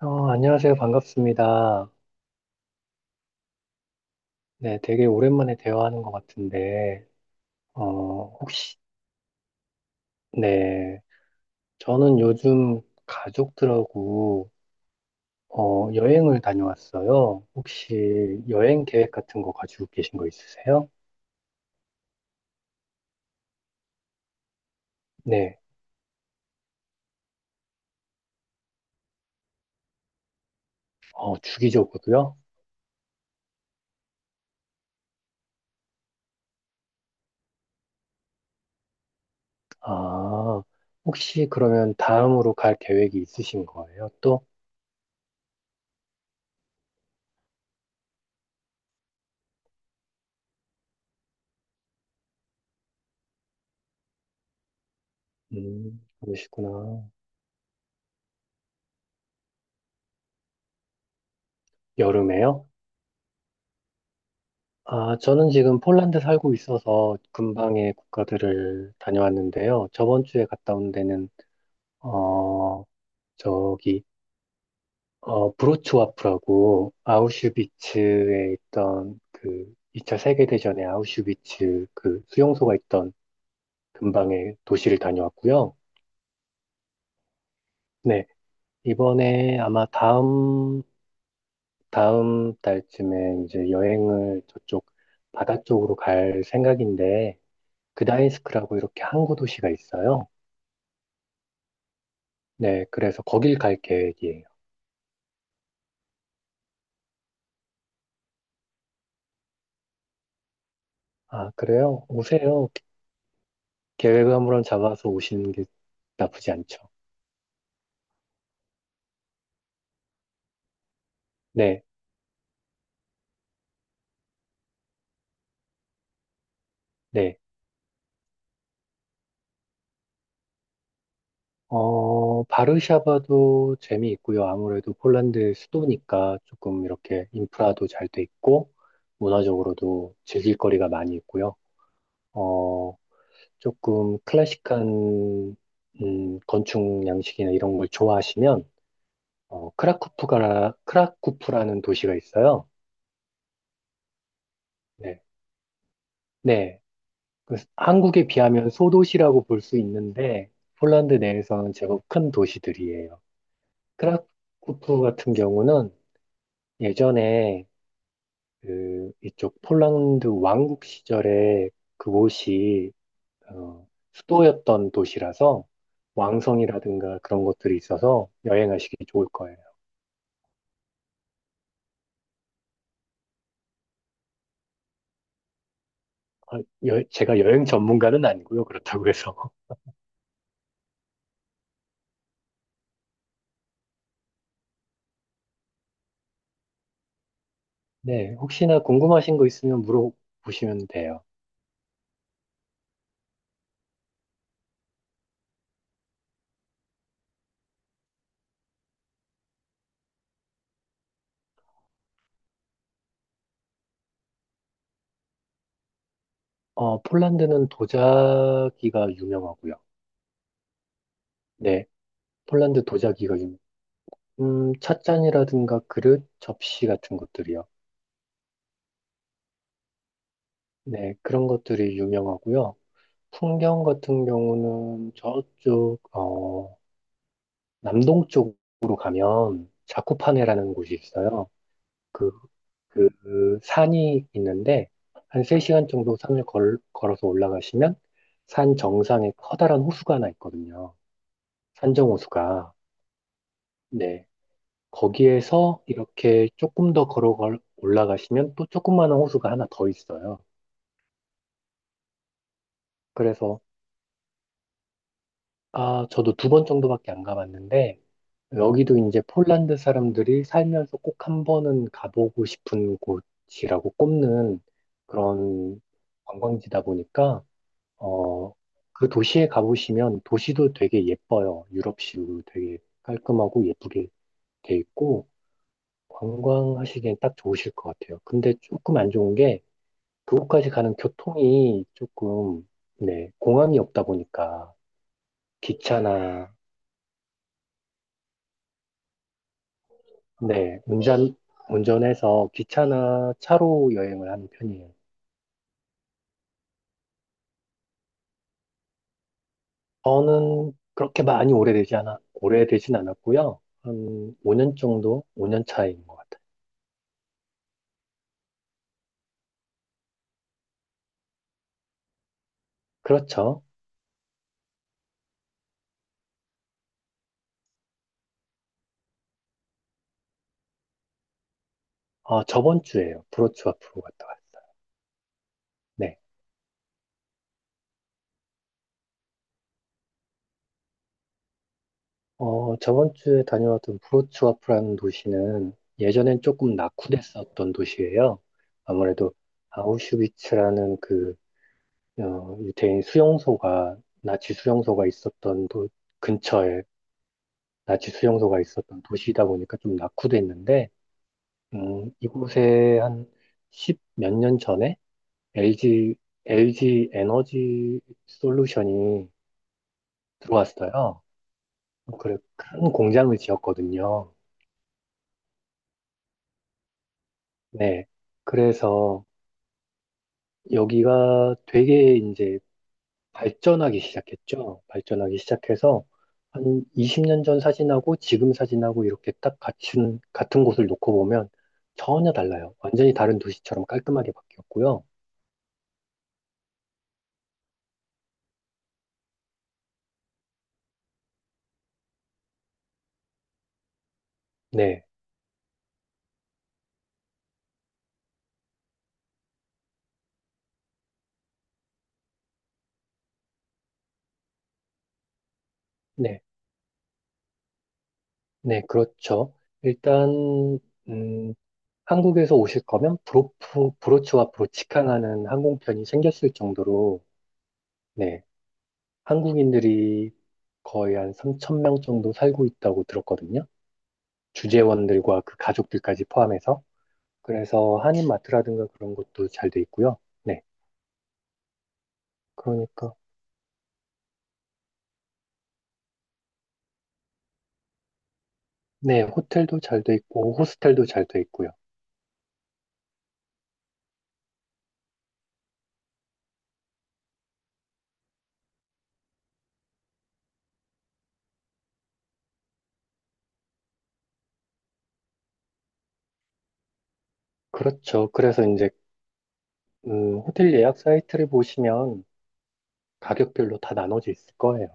안녕하세요. 반갑습니다. 네, 되게 오랜만에 대화하는 것 같은데, 혹시, 네, 저는 요즘 가족들하고, 여행을 다녀왔어요. 혹시 여행 계획 같은 거 가지고 계신 거 있으세요? 네, 주기적으로요? 아, 혹시 그러면 다음으로 갈 계획이 있으신 거예요? 또? 그러시구나. 여름에요? 아, 저는 지금 폴란드 살고 있어서 근방의 국가들을 다녀왔는데요. 저번 주에 갔다 온 데는, 어, 저기, 브로츠와프라고 아우슈비츠에 있던 그 2차 세계대전의 아우슈비츠 그 수용소가 있던 근방의 도시를 다녀왔고요. 네. 이번에 아마 다음 달쯤에 이제 여행을 저쪽 바다 쪽으로 갈 생각인데, 그다인스크라고 이렇게 항구 도시가 있어요. 네, 그래서 거길 갈 계획이에요. 아, 그래요? 오세요. 계획을 한번 잡아서 오시는 게 나쁘지 않죠. 네, 네. 바르샤바도 재미있고요. 아무래도 폴란드 수도니까 조금 이렇게 인프라도 잘 돼 있고, 문화적으로도 즐길 거리가 많이 있고요. 어, 조금 클래식한, 건축 양식이나 이런 걸 좋아하시면, 크라쿠프라는 도시가 있어요. 네. 네, 그 한국에 비하면 소도시라고 볼 수 있는데 폴란드 내에서는 제법 큰 도시들이에요. 크라쿠프 같은 경우는 예전에 그 이쪽 폴란드 왕국 시절에 그곳이 어, 수도였던 도시라서 왕성이라든가 그런 것들이 있어서 여행하시기 좋을 거예요. 아, 제가 여행 전문가는 아니고요. 그렇다고 해서. 네, 혹시나 궁금하신 거 있으면 물어보시면 돼요. 폴란드는 도자기가 유명하고요. 네, 폴란드 도자기가 유명. 찻잔이라든가 그릇, 접시 같은 것들이요. 네, 그런 것들이 유명하고요. 풍경 같은 경우는 저쪽, 남동쪽으로 가면 자쿠파네라는 곳이 있어요. 그, 그 산이 있는데 한 3시간 정도 산을 걸어서 올라가시면 산 정상에 커다란 호수가 하나 있거든요. 산정 호수가. 네, 거기에서 이렇게 조금 더 걸어 올라가시면 또 조그마한 호수가 하나 더 있어요. 그래서 아, 저도 2번 정도밖에 안 가봤는데 여기도 이제 폴란드 사람들이 살면서 꼭 한 번은 가보고 싶은 곳이라고 꼽는 그런 관광지다 보니까 어, 그 도시에 가보시면 도시도 되게 예뻐요. 유럽식으로 되게 깔끔하고 예쁘게 돼 있고 관광하시기엔 딱 좋으실 것 같아요. 근데 조금 안 좋은 게 그곳까지 가는 교통이 조금, 네, 공항이 없다 보니까 기차나, 네, 운전해서 기차나 차로 여행을 하는 편이에요. 저는 그렇게 많이 오래되지 않아, 오래되진 않았고요. 한 5년 정도, 5년 차인 것 같아요. 그렇죠. 아, 저번 주에요. 브로츠와프로 갔다 왔어요. 네. 저번 주에 다녀왔던 브로츠와프라는 도시는 예전엔 조금 낙후됐었던 도시예요. 아무래도 아우슈비츠라는 유태인 수용소가, 나치 수용소가 있었던 근처에 나치 수용소가 있었던 도시이다 보니까 좀 낙후됐는데, 이곳에 한 십몇 년 전에 LG, LG 에너지 솔루션이 들어왔어요. 그래, 큰 공장을 지었거든요. 네. 그래서 여기가 되게 이제 발전하기 시작했죠. 발전하기 시작해서 한 20년 전 사진하고 지금 사진하고 이렇게 딱 같은 곳을 놓고 보면 전혀 달라요. 완전히 다른 도시처럼 깔끔하게 바뀌었고요. 네, 네, 네, 그렇죠. 일단, 음, 한국에서 오실 거면 브로치와 브로치캉하는 항공편이 생겼을 정도로, 네, 한국인들이 거의 한 3천 명 정도 살고 있다고 들었거든요. 주재원들과 그 가족들까지 포함해서. 그래서 한인마트라든가 그런 것도 잘 돼 있고요. 네. 그러니까, 네. 호텔도 잘 돼 있고, 호스텔도 잘 돼 있고요. 그렇죠. 그래서 이제, 호텔 예약 사이트를 보시면 가격별로 다 나눠져 있을 거예요.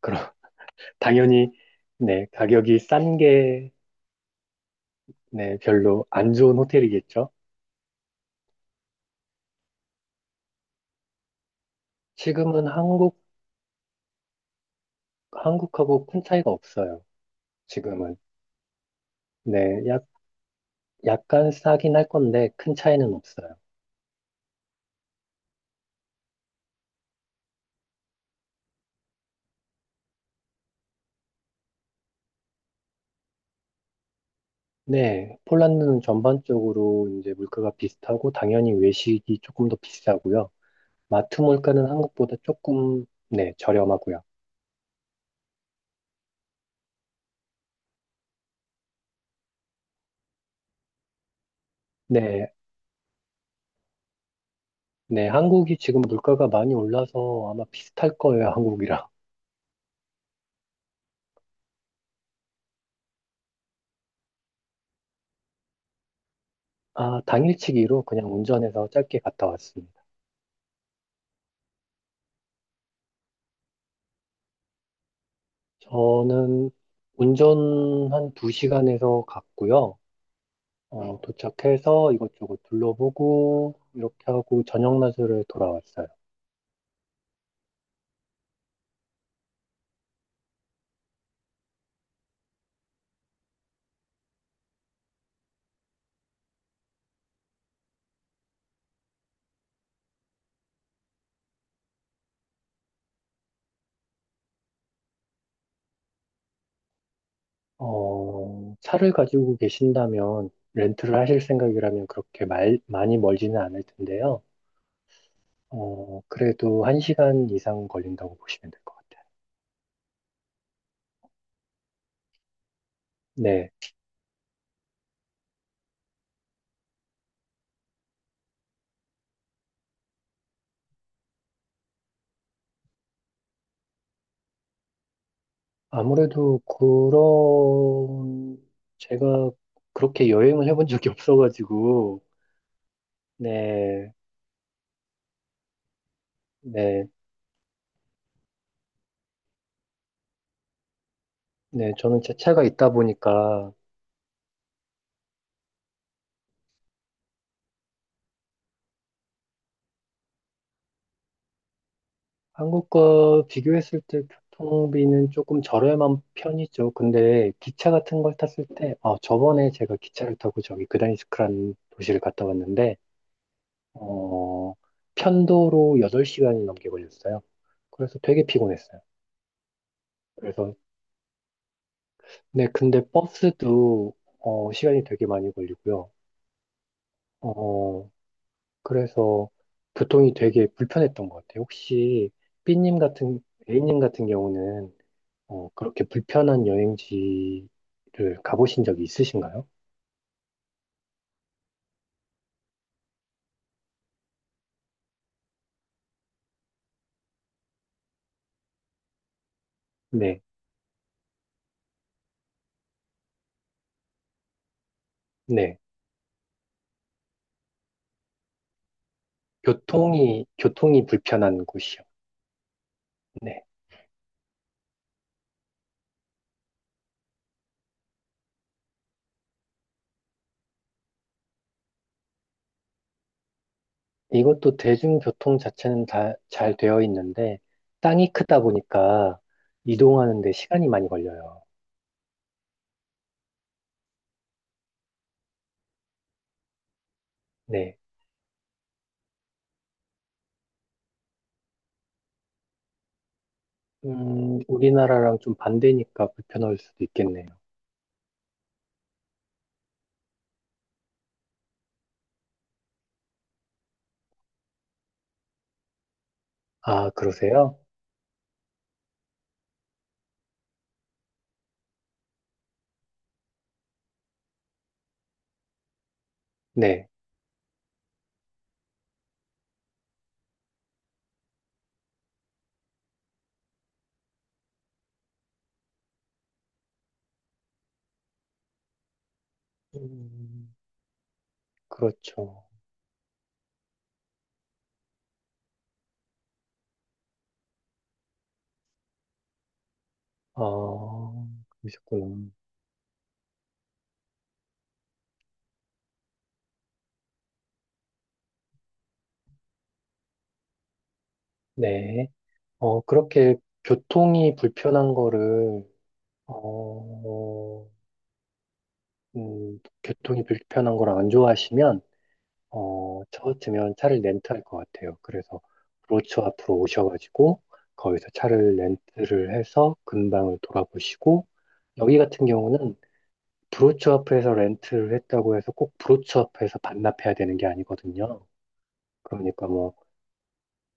그럼, 당연히, 네. 가격이 싼 게, 네. 별로 안 좋은 호텔이겠죠. 지금은 한국하고 큰 차이가 없어요. 지금은. 네. 약간 싸긴 할 건데, 큰 차이는 없어요. 네, 폴란드는 전반적으로 이제 물가가 비슷하고 당연히 외식이 조금 더 비싸고요. 마트 물가는 한국보다 조금 네, 저렴하고요. 네, 네, 한국이 지금 물가가 많이 올라서 아마 비슷할 거예요, 한국이랑. 아, 당일치기로 그냥 운전해서 짧게 갔다 왔습니다. 저는 운전 한 두시간에서 갔고요. 도착해서 이것저것 둘러보고 이렇게 하고 저녁 낮으로 돌아왔어요. 차를 가지고 계신다면 렌트를 하실 생각이라면 그렇게 많이 멀지는 않을 텐데요. 그래도 1시간 이상 걸린다고 보시면 될 것 같아요. 네. 아무래도 그런 제가 그렇게 여행을 해본 적이 없어가지고 네. 네. 네. 저는 제 차가 있다 보니까 한국과 비교했을 때 교통비는 조금 저렴한 편이죠. 근데 기차 같은 걸 탔을 때, 저번에 제가 기차를 타고 저기 그다니스크라는 도시를 갔다 왔는데, 어, 편도로 8시간이 넘게 걸렸어요. 그래서 되게 피곤했어요. 그래서, 네, 근데 버스도, 시간이 되게 많이 걸리고요. 어, 그래서 교통이 되게 불편했던 것 같아요. 혹시 b 님 같은, A님 같은 경우는 그렇게 불편한 여행지를 가보신 적이 있으신가요? 네, 네. 교통이 불편한 곳이요. 네. 이것도 대중교통 자체는 다 잘 되어 있는데, 땅이 크다 보니까 이동하는데 시간이 많이 걸려요. 네. 우리나라랑 좀 반대니까 불편할 수도 있겠네요. 아, 그러세요? 네. 음, 그렇죠. 아, 그러셨구나. 네. 어, 그렇게 교통이 불편한 거를, 어, 교통이 불편한 걸 안 좋아하시면, 저 같으면 차를 렌트할 것 같아요. 그래서 브로처 앞으로 오셔가지고, 거기서 차를 렌트를 해서 근방을 돌아보시고, 여기 같은 경우는 브로처 앞에서 렌트를 했다고 해서 꼭 브로처 앞에서 반납해야 되는 게 아니거든요. 그러니까 뭐,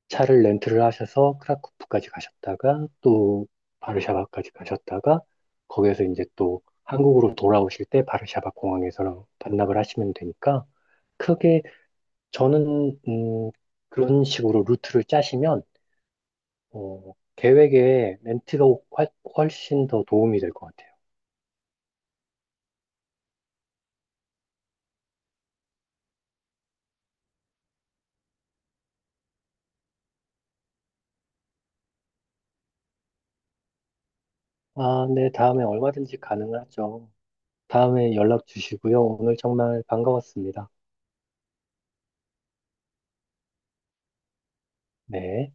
차를 렌트를 하셔서 크라쿠프까지 가셨다가 또 바르샤바까지 가셨다가 거기에서 이제 또 한국으로 돌아오실 때 바르샤바 공항에서 반납을 하시면 되니까 크게 저는 그런 식으로 루트를 짜시면 계획에 렌트가 훨씬 더 도움이 될 것 같아요. 아, 네, 다음에 얼마든지 가능하죠. 다음에 연락 주시고요. 오늘 정말 반가웠습니다. 네.